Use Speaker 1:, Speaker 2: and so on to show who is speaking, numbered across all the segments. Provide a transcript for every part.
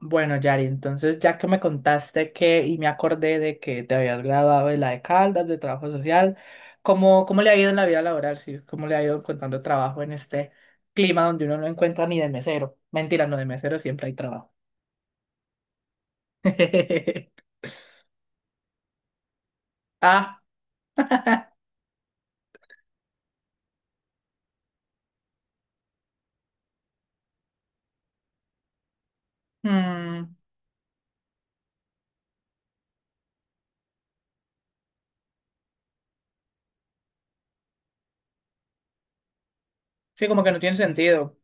Speaker 1: Bueno, Yari, entonces ya que me contaste que y me acordé de que te habías graduado de la de Caldas, de trabajo social, ¿cómo le ha ido en la vida laboral? Sí, ¿cómo le ha ido encontrando trabajo en este clima donde uno no encuentra ni de mesero? Mentira, no de mesero siempre hay trabajo. Ah, mm, sí, como que no tiene sentido.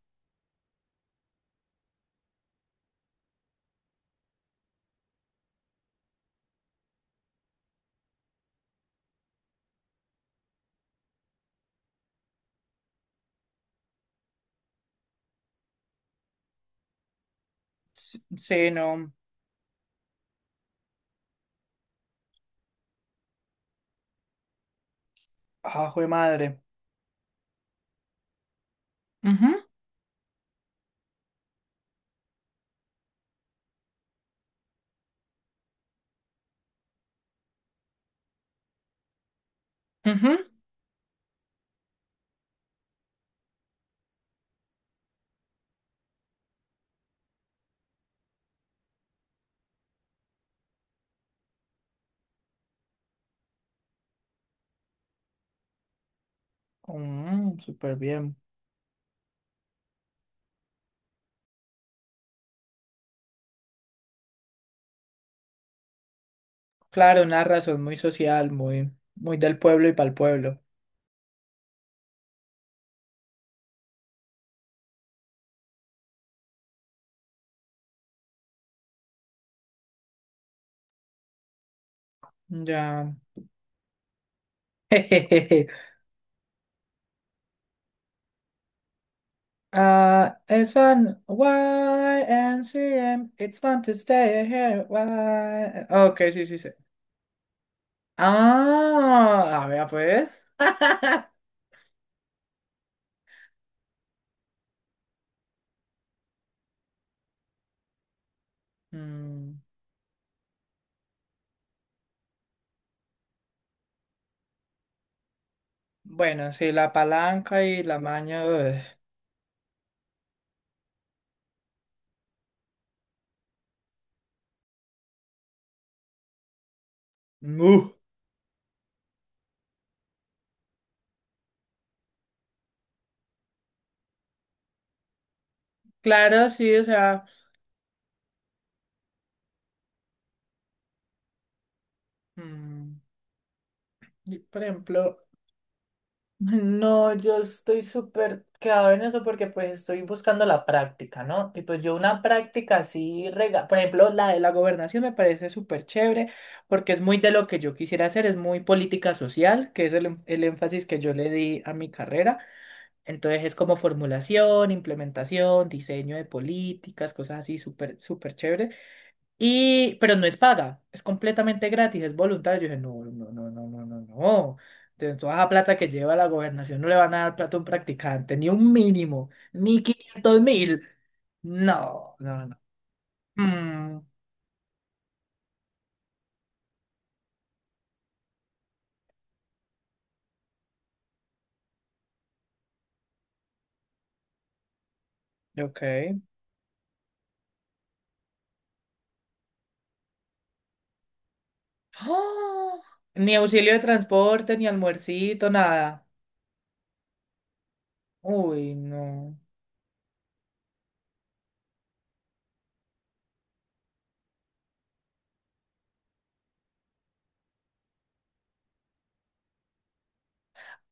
Speaker 1: Sí, no. Ah, jue madre. Ujú, ujú. Mm, súper bien. Claro, una razón muy social, muy, muy del pueblo y para el pueblo. Ya. Ah, it's fun. Y N C M It's fun to stay here. Y, Ok, sí, sí, sí. Ah, a ver, pues. Mm. Bueno, sí, la palanca y la maña. Ugh. Uh, Claro, sí, o sea. mm, y, por ejemplo. No, yo estoy súper quedado en eso porque pues estoy buscando la práctica, ¿no? Y pues yo una práctica así, rega por ejemplo, la de la gobernación me parece súper chévere porque es muy de lo que yo quisiera hacer, es muy política social, que es el énfasis que yo le di a mi carrera. Entonces es como formulación, implementación, diseño de políticas, cosas así súper, súper chévere. Y, pero no es paga, es completamente gratis, es voluntario. Yo dije, no, no, no, no, no, no, no. De toda la plata que lleva la gobernación no le van a dar plata a un practicante, ni un mínimo, ni 500.000. No, no, no. Mm, ok. ¡Ah! Ni auxilio de transporte, ni almuercito, nada. Uy, no.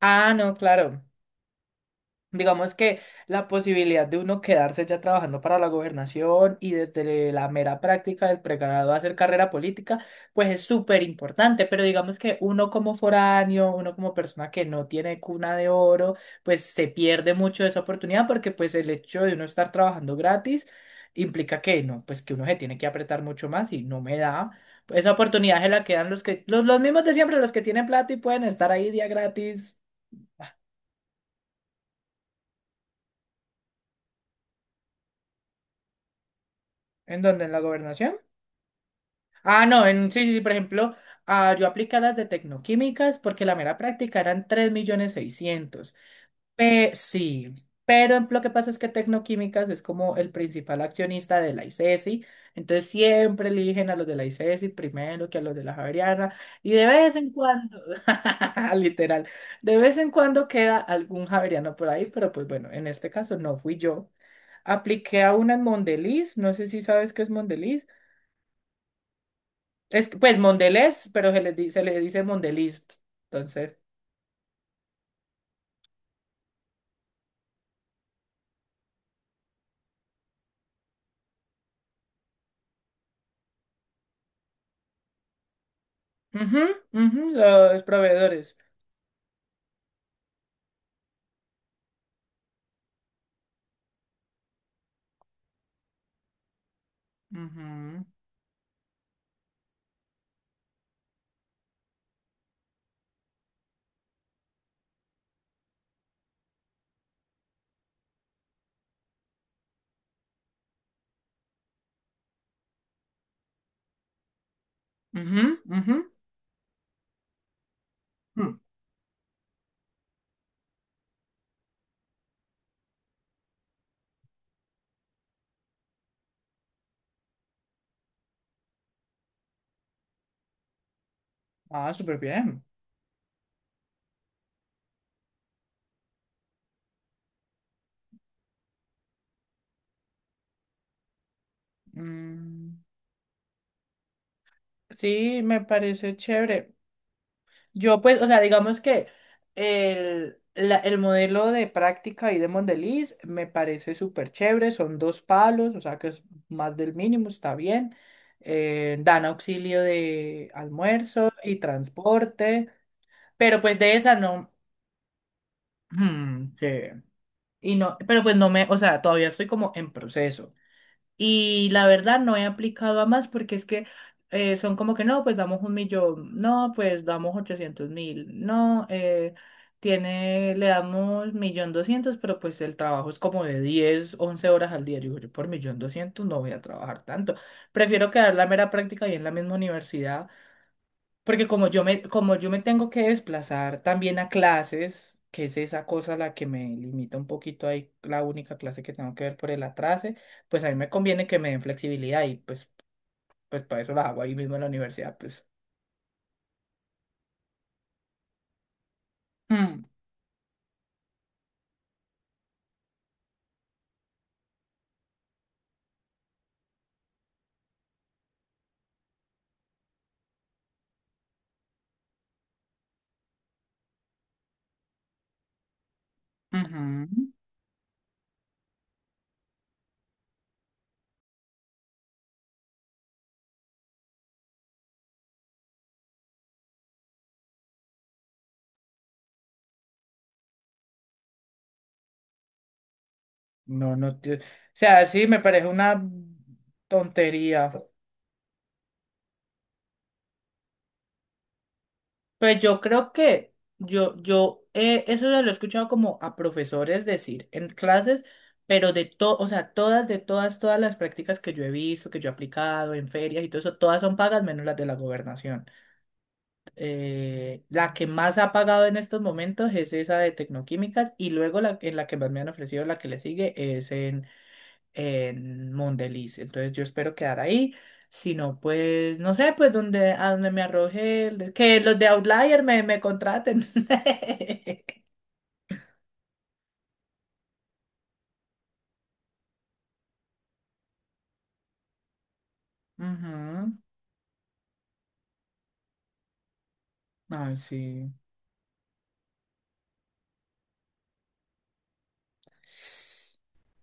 Speaker 1: Ah, no, claro. Digamos que la posibilidad de uno quedarse ya trabajando para la gobernación y desde la mera práctica del pregrado hacer carrera política, pues es súper importante, pero digamos que uno como foráneo, uno como persona que no tiene cuna de oro, pues se pierde mucho esa oportunidad porque pues el hecho de uno estar trabajando gratis implica que no, pues que uno se tiene que apretar mucho más y no me da. Esa oportunidad se la quedan los mismos de siempre, los que tienen plata y pueden estar ahí día gratis. Ah, ¿En la gobernación? Ah, no, sí, sí, sí, por ejemplo, yo apliqué a las de tecnoquímicas porque la mera práctica eran 3.600.000. Sí, pero lo que pasa es que tecnoquímicas es como el principal accionista de la ICESI, entonces siempre eligen a los de la ICESI primero que a los de la Javeriana y de vez en cuando, literal, de vez en cuando queda algún Javeriano por ahí, pero pues bueno, en este caso no fui yo. Apliqué a una en Mondeliz, no sé si sabes qué es Mondeliz. Es, que, pues Mondelez, pero se le dice Mondeliz. Entonces, ujú, ujú, los proveedores. Ujú, ujú, ujú. Mm. Ah, súper bien. Mm, sí, me parece chévere. Yo, pues, o sea, digamos que el modelo de práctica y de Mondeliz me parece súper chévere. Son dos palos, o sea que es más del mínimo, está bien. Dan auxilio de almuerzo y transporte. Pero pues de esa no. Hmm, sí. Y no, pero pues no me, o sea, todavía estoy como en proceso. Y la verdad no he aplicado a más porque es que son como que no, pues damos 1.000.000, no, pues damos 800.000, no, le damos 1.200.000, pero pues el trabajo es como de 10 11 horas al día. Yo digo, yo por 1.200.000 no voy a trabajar tanto. Prefiero quedar la mera práctica y en la misma universidad porque como yo me tengo que desplazar también a clases, que es esa cosa la que me limita un poquito ahí, la única clase que tengo que ver por el atrase, pues a mí me conviene que me den flexibilidad y pues, pues para eso la hago ahí mismo en la universidad, pues. Mm, ujú. No, no, o sea, sí, me parece una tontería. Pues yo creo que eso se lo he escuchado como a profesores decir en clases, pero de todo, o sea, de todas las prácticas que yo he visto, que yo he aplicado en ferias y todo eso, todas son pagas menos las de la gobernación. La que más ha pagado en estos momentos es esa de tecnoquímicas y luego en la que más me han ofrecido, la que le sigue es en Mondeliz. Entonces yo espero quedar ahí. Si no, pues, no sé, pues a donde me arroje, que los de Outlier me contraten. Ujú. Ay, sí.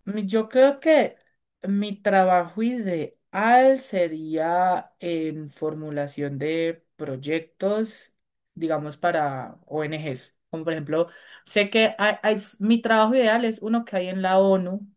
Speaker 1: Yo creo que mi trabajo ideal sería en formulación de proyectos, digamos, para ONGs. Como por ejemplo, sé que hay- hay s- mi trabajo ideal es uno que hay en la ONU,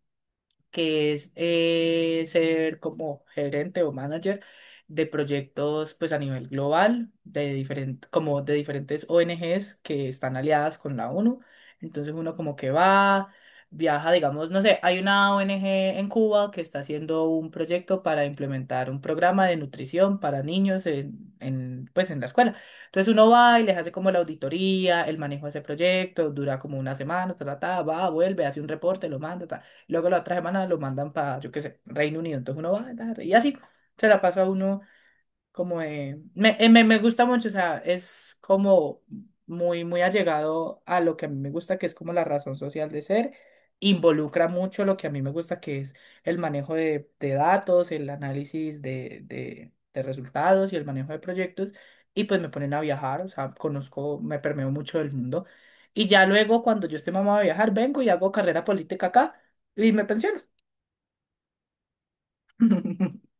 Speaker 1: que es ser como gerente o manager de proyectos pues a nivel global de diferentes ONGs que están aliadas con la ONU. Entonces uno como que va, viaja, digamos, no sé, hay una ONG en Cuba que está haciendo un proyecto para implementar un programa de nutrición para niños en la escuela. Entonces uno va y les hace como la auditoría, el manejo de ese proyecto, dura como una semana, ta, ta, ta, va, vuelve, hace un reporte, lo manda, ta. Luego la otra semana lo mandan para, yo qué sé, Reino Unido. Entonces uno va, ta, ta, y así se la pasa uno como de- me, me, me gusta mucho, o sea, es como muy, muy allegado a lo que a mí me gusta, que es como la razón social de ser, involucra mucho lo que a mí me gusta, que es el manejo de datos, el análisis de resultados y el manejo de proyectos, y pues me ponen a viajar, o sea, conozco, me permeo mucho del mundo, y ya luego cuando yo esté mamado de viajar, vengo y hago carrera política acá y me pensiono.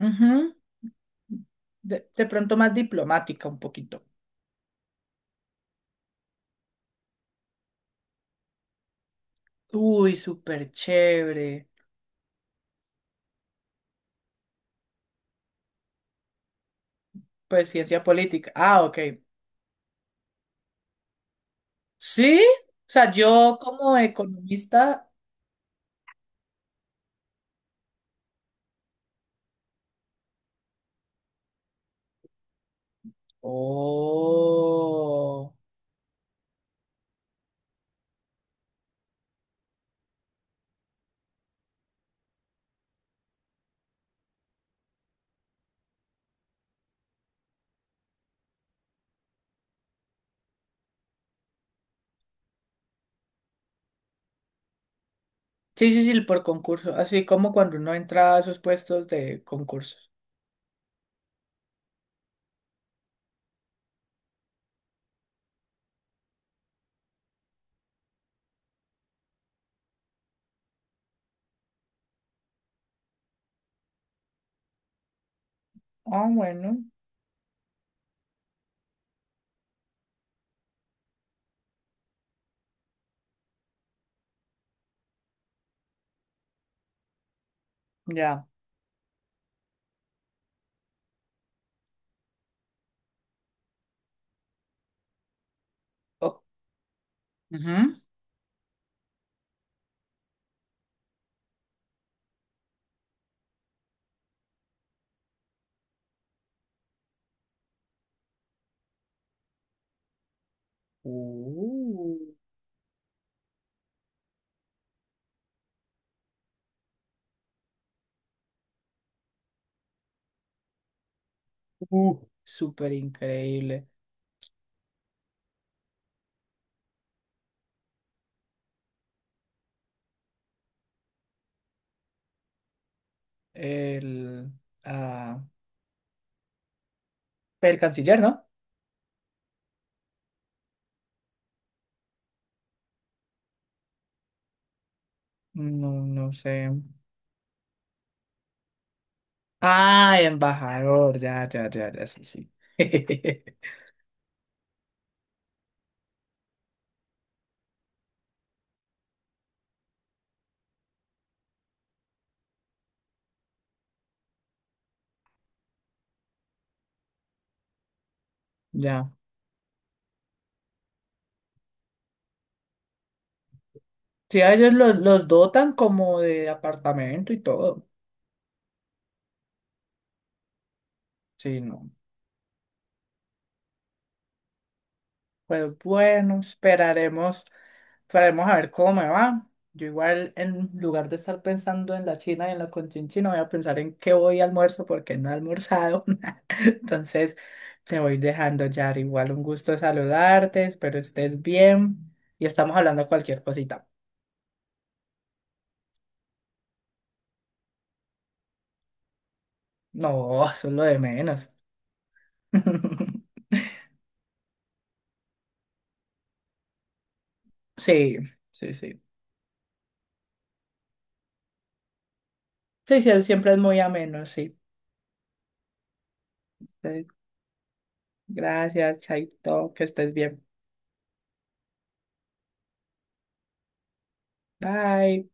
Speaker 1: Ujú. De pronto más diplomática un poquito. Uy, súper chévere. Pues ciencia política. Ah, ok. ¿Sí? O sea, yo como economista. Oh. Sí, sí, sí, por concurso. Así como cuando uno entra a esos puestos de concursos. Ah, bueno. Ya. O- Ujú. Uh, súper increíble. El, ah, el canciller, ¿no? No, no sé. Ah, embajador, ya, ya, ya, ya, sí, sí. Ya. Sí, a ellos los dotan como de apartamento y todo. Sí, no. Pues bueno, esperaremos, esperaremos a ver cómo me va. Yo igual, en lugar de estar pensando en la China y en la conchinchina, voy a pensar en qué voy a almuerzo porque no he almorzado. Entonces, te voy dejando, Yar. Igual un gusto saludarte, espero estés bien y estamos hablando de cualquier cosita. No, eso es lo de menos. Sí, sí, sí. Sí, sí, siempre es muy ameno, sí. Entonces, gracias, Chaito, que estés bien. Bye.